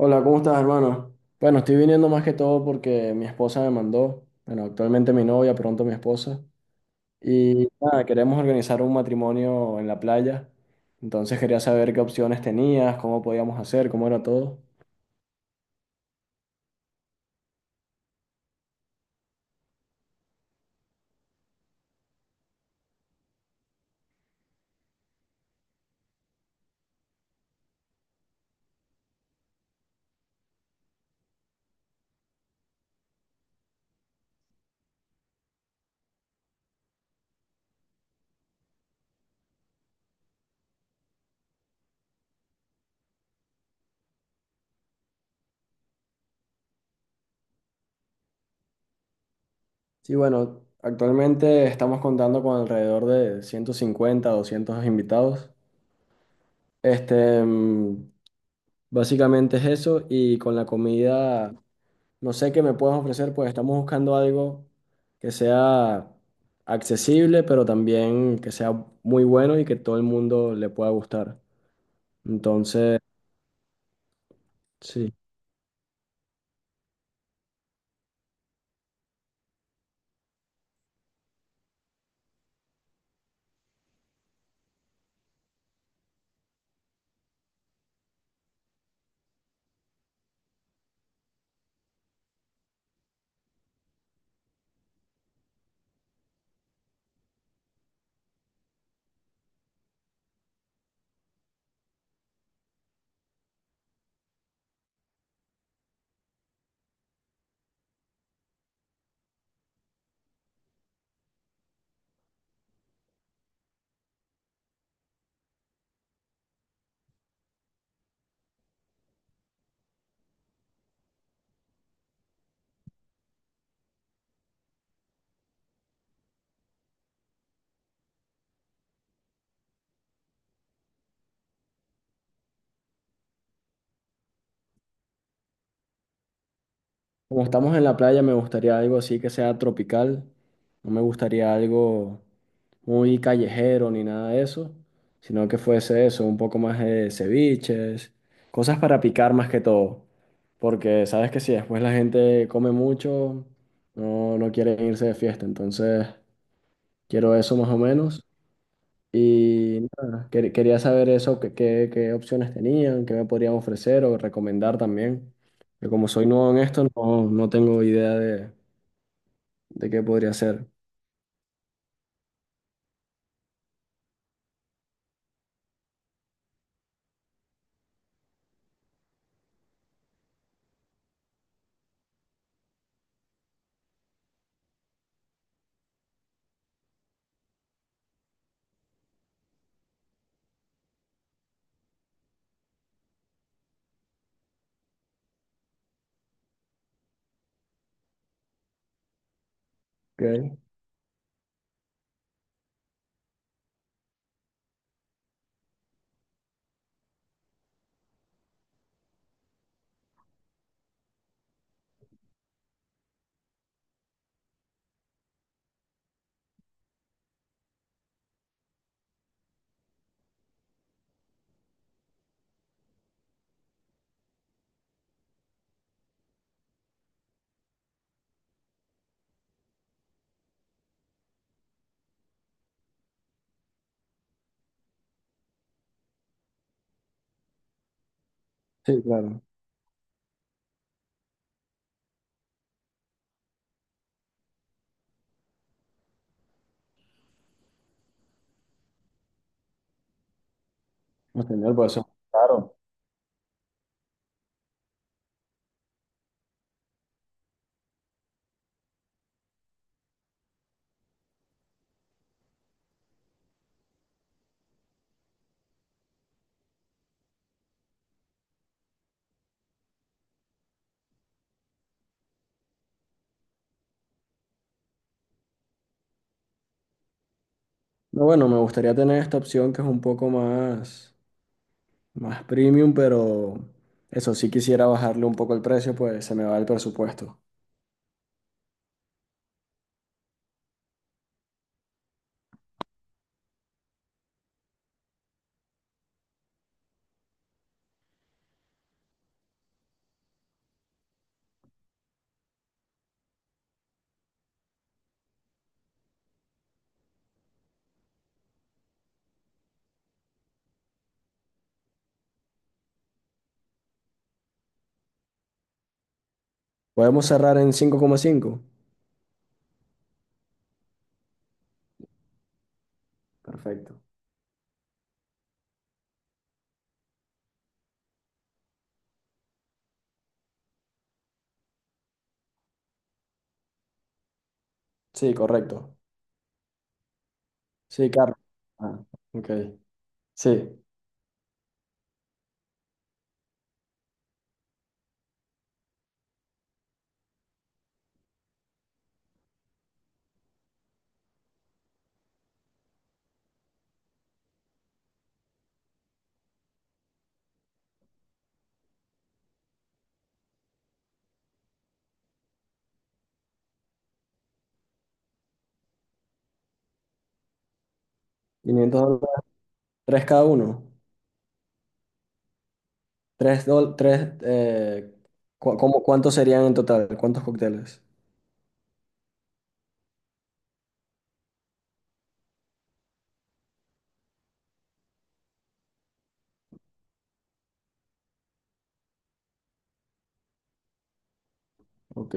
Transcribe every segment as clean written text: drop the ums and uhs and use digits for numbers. Hola, ¿cómo estás, hermano? Bueno, estoy viniendo más que todo porque mi esposa me mandó, bueno, actualmente mi novia, pronto mi esposa, y nada, queremos organizar un matrimonio en la playa, entonces quería saber qué opciones tenías, cómo podíamos hacer, cómo era todo. Sí, bueno, actualmente estamos contando con alrededor de 150, 200 invitados. Este, mm, básicamente es eso, y con la comida. No sé qué me puedes ofrecer, pues estamos buscando algo que sea accesible, pero también que sea muy bueno y que todo el mundo le pueda gustar. Entonces, sí, como estamos en la playa, me gustaría algo así que sea tropical. No me gustaría algo muy callejero ni nada de eso, sino que fuese eso, un poco más de ceviches, cosas para picar más que todo. Porque sabes que si después la gente come mucho, no quiere irse de fiesta, entonces... Quiero eso más o menos. Y nada, quería saber eso, qué opciones tenían, qué me podrían ofrecer o recomendar también. Yo como soy nuevo en esto, no tengo idea de qué podría ser. Ok. Sí, claro. Pues tener, pues eso. Claro. No, bueno, me gustaría tener esta opción que es un poco más, más premium, pero eso sí quisiera bajarle un poco el precio, pues se me va el presupuesto. ¿Podemos cerrar en 5,5? Perfecto. Sí, correcto. Sí, carro. Ah, ok. Sí, $500, tres cada uno. Tres, dol- tres, cu- cómo- ¿Cuántos serían en total? ¿Cuántos cócteles? Ok.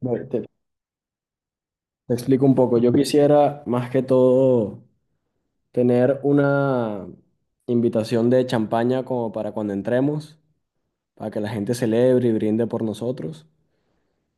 Bueno, te explico un poco. Yo quisiera, más que todo, tener una invitación de champaña como para cuando entremos, para que la gente celebre y brinde por nosotros.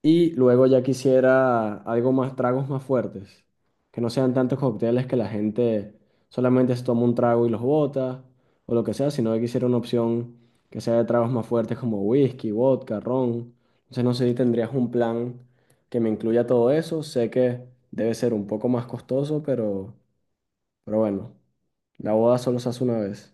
Y luego ya quisiera algo más, tragos más fuertes, que no sean tantos cócteles que la gente solamente se toma un trago y los bota, o lo que sea, sino que quisiera una opción que sea de tragos más fuertes como whisky, vodka, ron. Entonces no sé si tendrías un plan que me incluya todo eso. Sé que debe ser un poco más costoso, pero bueno, la boda solo se hace una vez.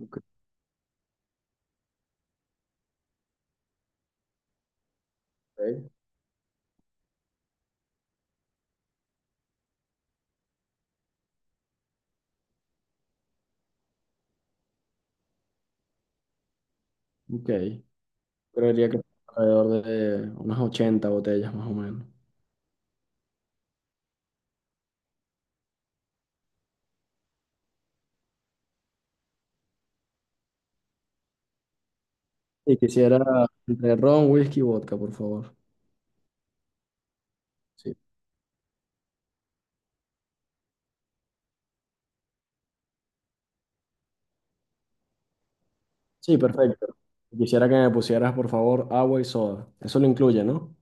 Ok. Ok. Creería que alrededor de unas 80 botellas más o menos. Y quisiera entre ron, whisky y vodka, por favor. Sí. Sí, perfecto. Y quisiera que me pusieras, por favor, agua y soda. Eso lo incluye, ¿no?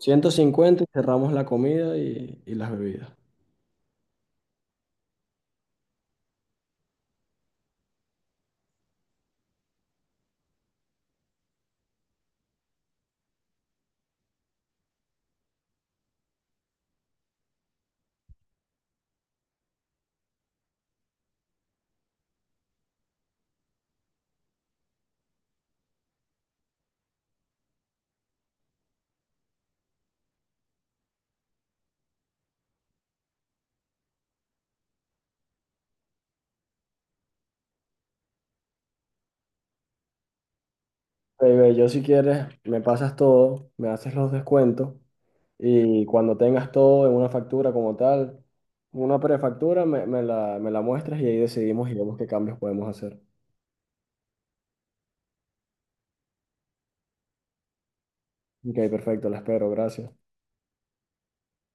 150 y cerramos la comida y las bebidas. Baby, yo si quieres, me pasas todo, me haces los descuentos y cuando tengas todo en una factura como tal, una prefactura, me la muestras y ahí decidimos y vemos qué cambios podemos hacer. Ok, perfecto, la espero, gracias.